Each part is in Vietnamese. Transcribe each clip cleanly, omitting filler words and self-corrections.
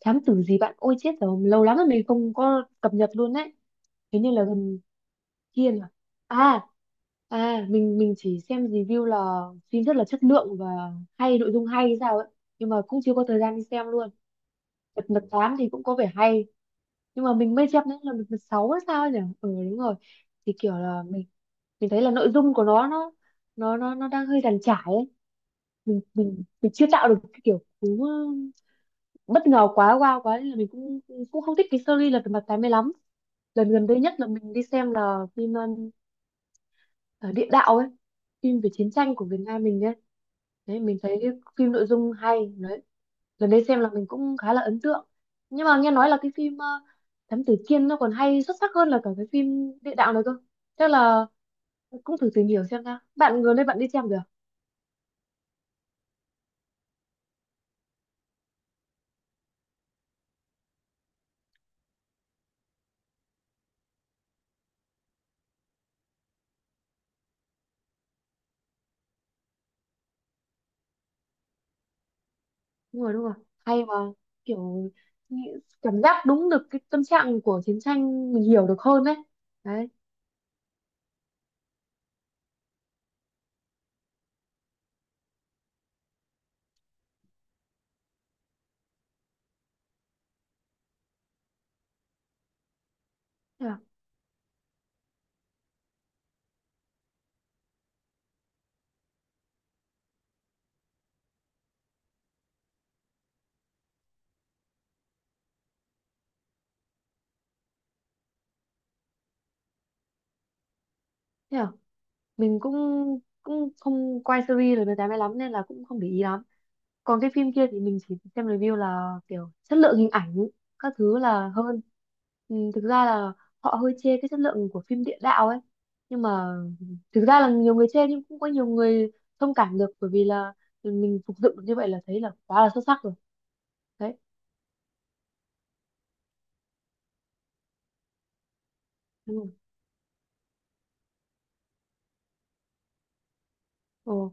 Thám tử gì bạn? Ôi chết rồi, lâu lắm rồi mình không có cập nhật luôn đấy. Thế như là gần kia là, à à mình chỉ xem review là phim rất là chất lượng và hay, nội dung hay hay sao ấy. Nhưng mà cũng chưa có thời gian đi xem luôn. Mật mật thám thì cũng có vẻ hay. Nhưng mà mình mới xem đến là được sáu hay sao ấy nhỉ. Ừ, đúng rồi. Thì kiểu là mình thấy là nội dung của nó đang hơi dàn trải ấy. Mình chưa tạo được cái kiểu cú bất ngờ quá, wow quá nên là mình cũng cũng không thích cái series Lật Mặt Tám mươi lắm. Lần gần đây nhất là mình đi xem là phim ờ, Địa Đạo ấy, phim về chiến tranh của Việt Nam mình ấy. Đấy, mình thấy cái phim nội dung hay đấy. Lần đấy xem là mình cũng khá là ấn tượng. Nhưng mà nghe nói là cái phim Thám Tử Kiên nó còn hay, xuất sắc hơn là cả cái phim Địa Đạo này cơ. Chắc là cũng thử tìm hiểu xem nào. Bạn gần đây bạn đi xem được? Đúng rồi, đúng rồi, hay mà. Kiểu nghĩ- cảm giác đúng được cái tâm trạng của chiến tranh, mình hiểu được hơn đấy. Đấy. Thế à, thế à? Mình cũng cũng không quay series rồi, người ta mới lắm nên là cũng không để ý lắm. Còn cái phim kia thì mình chỉ xem review là kiểu chất lượng hình ảnh các thứ là hơn. Ừ, thực ra là họ hơi chê cái chất lượng của phim Địa Đạo ấy. Nhưng mà thực ra là nhiều người chê nhưng cũng có nhiều người thông cảm được bởi vì là mình phục dựng được như vậy là thấy là quá là xuất sắc rồi. Đấy. Đúng không? Ồ,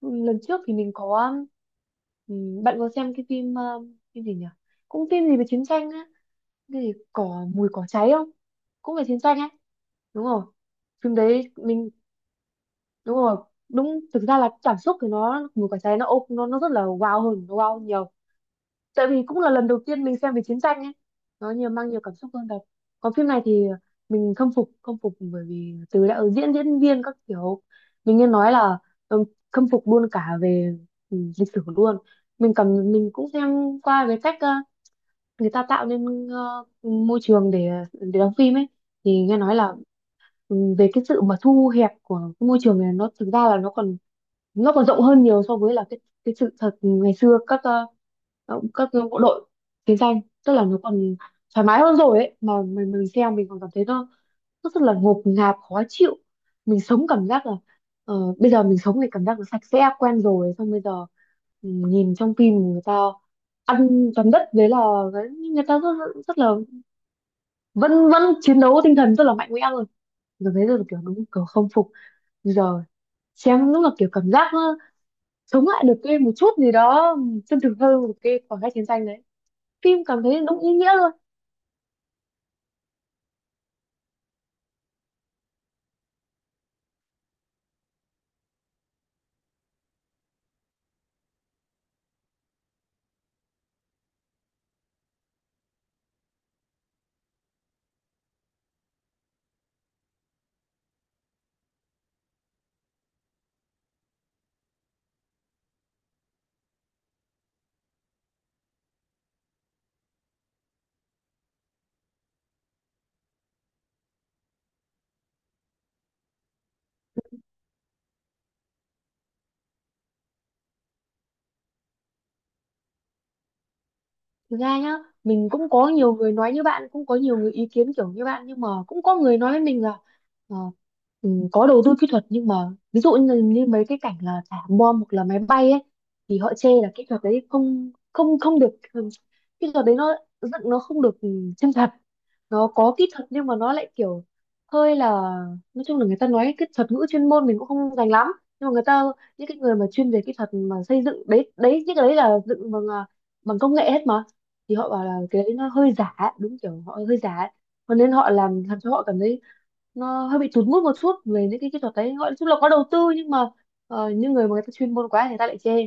lần trước thì mình có, ừ, bạn có xem cái phim phim gì nhỉ, cũng phim gì về chiến tranh á, cái gì mùi cỏ cháy không? Cũng về chiến tranh ấy. Đúng rồi, phim đấy mình, đúng rồi. Đúng, thực ra là cảm xúc thì nó, mùa cỏ cháy nó nó rất là wow hơn, nó wow hơn nhiều. Tại vì cũng là lần đầu tiên mình xem về chiến tranh ấy, nó nhiều, mang nhiều cảm xúc hơn thật. Còn phim này thì mình khâm phục, khâm phục bởi vì từ đạo diễn, diễn viên các kiểu. Mình nghe nói là, ừ, khâm phục luôn cả về lịch sử luôn. Mình cầm mình cũng xem qua về cách người ta tạo nên môi trường để đóng phim ấy. Thì nghe nói là, về cái sự mà thu hẹp của cái môi trường này nó thực ra là nó còn rộng hơn nhiều so với là cái sự thật ngày xưa, các các bộ đội chiến tranh, tức là nó còn thoải mái hơn rồi ấy mà. Mình xem mình còn cảm thấy nó rất là ngột ngạt, khó chịu. Mình sống cảm giác là, bây giờ mình sống thì cảm giác là sạch sẽ quen rồi, xong bây giờ nhìn trong phim người ta ăn toàn đất, đấy là cái- người ta rất, rất là vẫn vẫn chiến đấu tinh thần rất là mạnh mẽ rồi. Giờ thấy rất là kiểu đúng kiểu không phục. Bây giờ xem lúc là kiểu cảm giác chống lại được cái một chút gì đó chân thực hơn một cái khoảng cách chiến tranh đấy. Phim cảm thấy đúng ý nghĩa luôn. Thực ra nhá, mình cũng có nhiều người nói như bạn, cũng có nhiều người ý kiến kiểu như bạn, nhưng mà cũng có người nói với mình là ờ, có đầu tư kỹ thuật nhưng mà ví dụ như mấy cái cảnh là thả bom hoặc là máy bay ấy, thì họ chê là kỹ thuật đấy không không không được, kỹ thuật đấy nó dựng nó không được, chân thật. Nó có kỹ thuật nhưng mà nó lại kiểu hơi là, nói chung là người ta nói cái thuật ngữ chuyên môn mình cũng không dành lắm, nhưng mà người ta, những cái người mà chuyên về kỹ thuật mà xây dựng đấy, đấy những cái đấy là dựng bằng công nghệ hết mà. Thì họ bảo là cái đấy nó hơi giả đúng kiểu họ hơi giả, cho nên họ làm cho họ cảm thấy nó hơi bị tụt mood một chút về những cái kỹ thuật đấy, gọi là, chung là có đầu tư nhưng mà những người mà người ta chuyên môn quá thì người ta lại chê.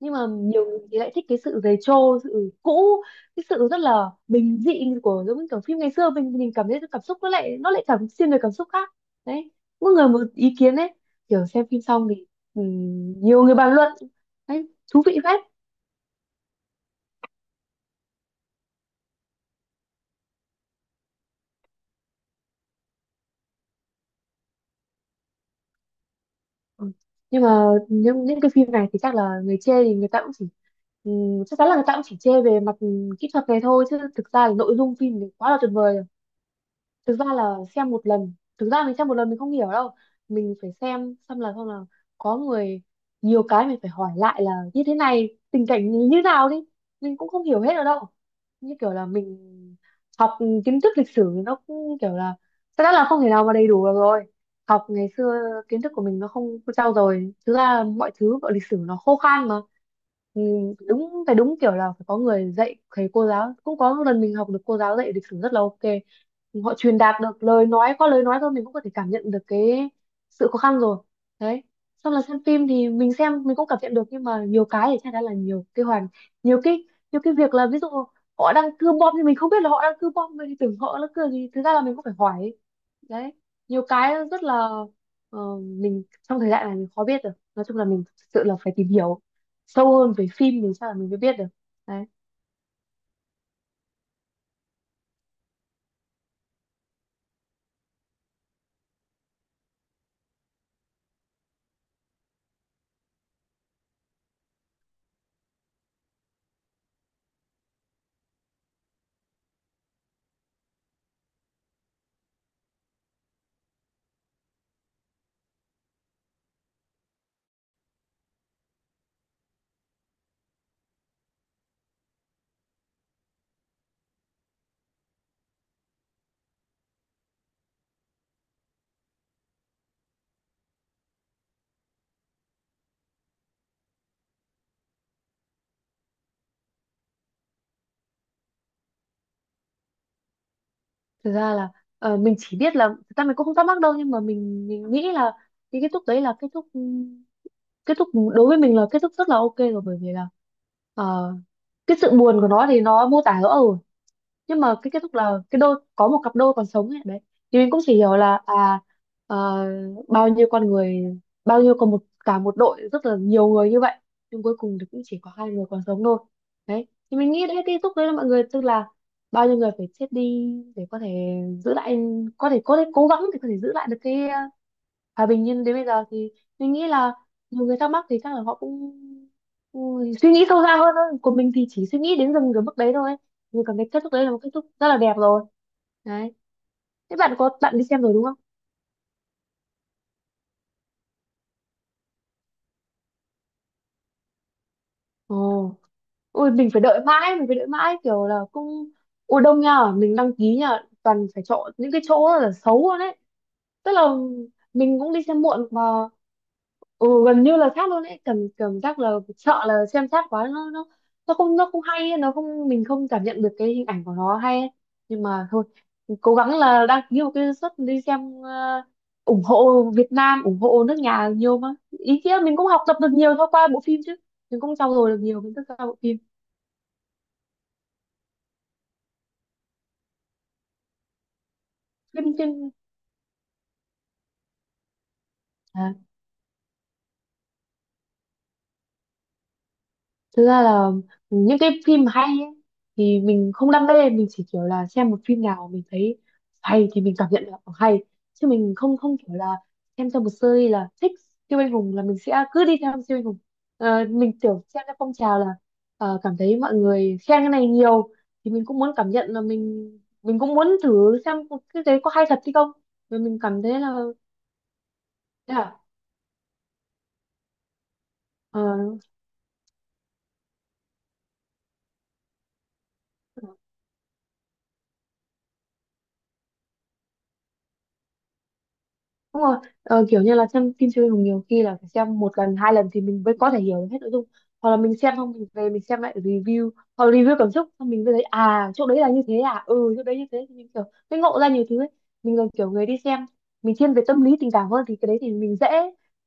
Nhưng mà nhiều người thì lại thích cái sự dày trô, sự cũ, cái sự rất là bình dị của, giống như kiểu phim ngày xưa, mình cảm thấy cảm xúc nó lại, nó lại cảm xuyên về cảm xúc khác. Đấy, mỗi người một ý kiến đấy. Kiểu xem phim xong thì nhiều người bàn luận, đấy thú vị phết. Ừ. Nhưng mà những cái phim này thì chắc là người chê thì người ta cũng chỉ chắc chắn là người ta cũng chỉ chê về mặt kỹ thuật này thôi, chứ thực ra là nội dung phim thì quá là tuyệt vời rồi. Thực ra là xem một lần, thực ra mình xem một lần mình không hiểu đâu. Mình phải xem xong là, xong là có người, nhiều cái mình phải hỏi lại là như thế này tình cảnh như như nào đi, mình cũng không hiểu hết ở đâu. Như kiểu là mình học kiến thức lịch sử nó cũng kiểu là chắc chắn là không thể nào mà đầy đủ được rồi. Học ngày xưa kiến thức của mình nó không có trau dồi, thực ra mọi thứ gọi lịch sử nó khô khan mà. Ừ, đúng phải đúng kiểu là phải có người dạy, thầy cô giáo cũng có một lần mình học được cô giáo dạy lịch sử rất là ok. Họ truyền đạt được lời nói, qua lời nói thôi mình cũng có thể cảm nhận được cái sự khó khăn rồi. Đấy. Xong là xem phim thì mình xem mình cũng cảm nhận được, nhưng mà nhiều cái thì chắc chắn là nhiều cái nhiều cái việc là ví dụ họ đang cưa bom thì mình không biết là họ đang cưa bom, mình thì tưởng họ là cưa gì, thực ra là mình cũng phải hỏi. Đấy. Nhiều cái rất là mình, trong thời đại này mình khó biết được, nói chung là mình thực sự là phải tìm hiểu sâu hơn về phim thì chắc là mình mới biết được. Đấy. Thực ra là mình chỉ biết là thực ra mình cũng không thắc mắc đâu, nhưng mà mình nghĩ là cái kết thúc đấy là kết thúc, kết thúc đối với mình là kết thúc rất là ok rồi, bởi vì là ờ, cái sự buồn của nó thì nó mô tả rõ ở. Nhưng mà cái kết thúc là cái đôi, có một cặp đôi còn sống ấy, đấy thì mình cũng chỉ hiểu là à, ờ, bao nhiêu con người, bao nhiêu còn một cả một đội rất là nhiều người như vậy, nhưng cuối cùng thì cũng chỉ có hai người còn sống thôi. Đấy thì mình nghĩ đấy cái kết thúc đấy là mọi người tức là bao nhiêu người phải chết đi để có thể giữ lại, có thể cố gắng để có thể giữ lại được cái hòa bình, nhưng đến bây giờ thì mình nghĩ là nhiều người thắc mắc thì chắc là họ cũng ừ, suy nghĩ sâu xa hơn thôi. Của mình thì chỉ suy nghĩ đến dừng cái mức đấy thôi, nhưng còn cái kết thúc đấy là một kết thúc rất là đẹp rồi. Đấy. Thế bạn có, bạn đi xem rồi đúng không? Ồ. Ui mình phải đợi mãi, mình phải đợi mãi kiểu là cũng ui đông nha, mình đăng ký nha, toàn phải chọn những cái chỗ là xấu luôn đấy. Tức là mình cũng đi xem muộn mà. Ừ, gần như là sát luôn đấy, cảm cảm giác là sợ là xem sát quá nó nó không, nó không hay ấy, nó không, mình không cảm nhận được cái hình ảnh của nó hay ấy. Nhưng mà thôi, cố gắng là đăng ký một cái suất đi xem ủng hộ Việt Nam, ủng hộ nước nhà nhiều mà. Ý nghĩa mình cũng học tập được nhiều thông qua bộ phim chứ mình cũng trau dồi được nhiều kiến thức qua bộ phim phim phim à, Thực ra là những cái phim mà hay ấy, thì mình không đam mê, mình chỉ kiểu là xem một phim nào mình thấy hay thì mình cảm nhận được hay, chứ mình không không kiểu là xem cho một series là thích siêu anh hùng là mình sẽ cứ đi theo siêu anh hùng. Ờ, mình kiểu xem theo phong trào là cảm thấy mọi người khen cái này nhiều thì mình cũng muốn cảm nhận là mình cũng muốn thử xem cái đấy có hay thật hay không, rồi mình cảm thấy là thế à? Ờ, đúng rồi, ờ, kiểu như là xem phim siêu anh hùng nhiều khi là phải xem một lần, hai lần thì mình mới có thể hiểu được hết nội dung. Hoặc là mình xem xong mình về mình xem lại review, hoặc là review cảm xúc, xong mình mới thấy à chỗ đấy là như thế à, ừ chỗ đấy như thế thì mình ngộ ra nhiều thứ ấy. Mình là kiểu người đi xem, mình thiên về tâm lý tình cảm hơn thì cái đấy thì mình dễ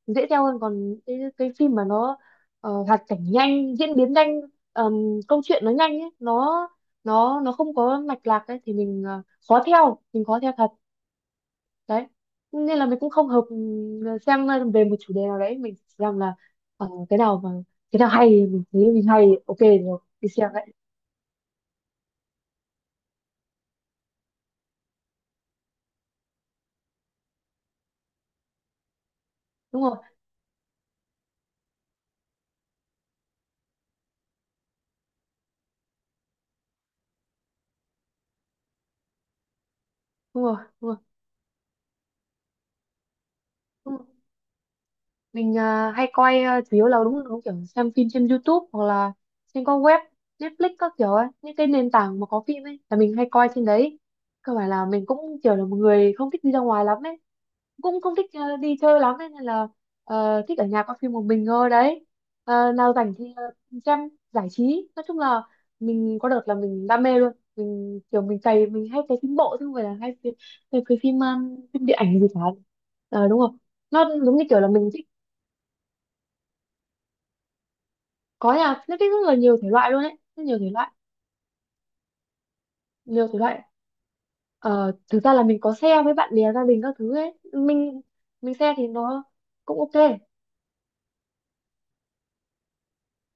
mình dễ theo hơn, còn cái phim mà nó hoạt cảnh nhanh, diễn biến nhanh, ờm, câu chuyện nó nhanh ấy, nó không có mạch lạc ấy thì mình khó theo, mình khó theo thật đấy, nên là mình cũng không hợp xem về một chủ đề nào đấy, mình chỉ rằng là cái nào mà cái nào hay thì mình thấy mình hay ok rồi đi xem đấy. Đúng rồi đúng rồi đúng rồi, đúng rồi. Mình à, hay coi à, chủ yếu là đúng đúng kiểu xem phim trên YouTube hoặc là trên các web Netflix các kiểu ấy, những cái nền tảng mà có phim ấy là mình hay coi trên đấy. Cơ bản là mình cũng kiểu là một người không thích đi ra ngoài lắm ấy, cũng không thích đi chơi lắm, nên là ờ, thích ở nhà coi phim một mình thôi đấy. Ờ, nào rảnh thì xem giải trí, nói chung là mình có đợt là mình đam mê luôn, mình kiểu mình cày, mình hay cày phim bộ chứ không phải là hay cày phim phim điện ảnh gì cả. Ờ, đúng rồi. Nó giống như kiểu là mình thích có nhà nó thích rất là nhiều thể loại luôn ấy, rất nhiều thể loại, nhiều thể loại. Ờ, thực ra là mình có share với bạn bè gia đình các thứ ấy, mình share thì nó cũng ok.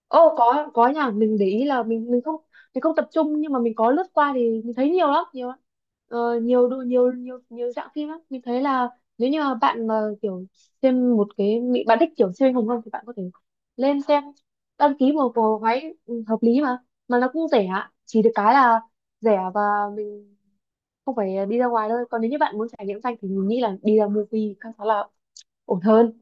Ô có nha, mình để ý là mình không, mình không tập trung nhưng mà mình có lướt qua thì mình thấy nhiều lắm, nhiều lắm. Ờ, nhiều đồ, nhiều nhiều nhiều dạng phim lắm. Mình thấy là nếu như mà bạn mà kiểu xem một cái bị bạn thích kiểu siêu anh hùng không thì bạn có thể lên xem đăng ký một bộ váy, ừ, hợp lý mà nó cũng rẻ, chỉ được cái là rẻ và mình không phải đi ra ngoài thôi. Còn nếu như bạn muốn trải nghiệm xanh thì mình nghĩ là đi ra movie khá khá là ổn hơn.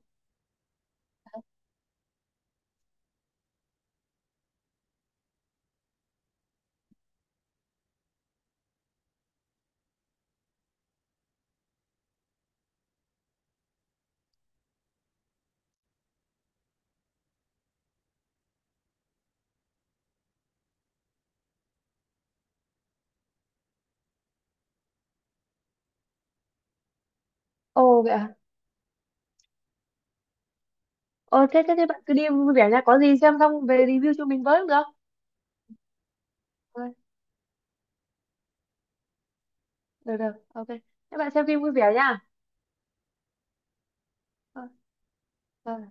Ồ vậy à. Ờ thế thế thế bạn cứ đi vui vẻ nha, có gì xem xong về review cho mình với cũng được. Thôi, được được ok, các bạn xem phim vui vẻ nha. Thôi, thôi.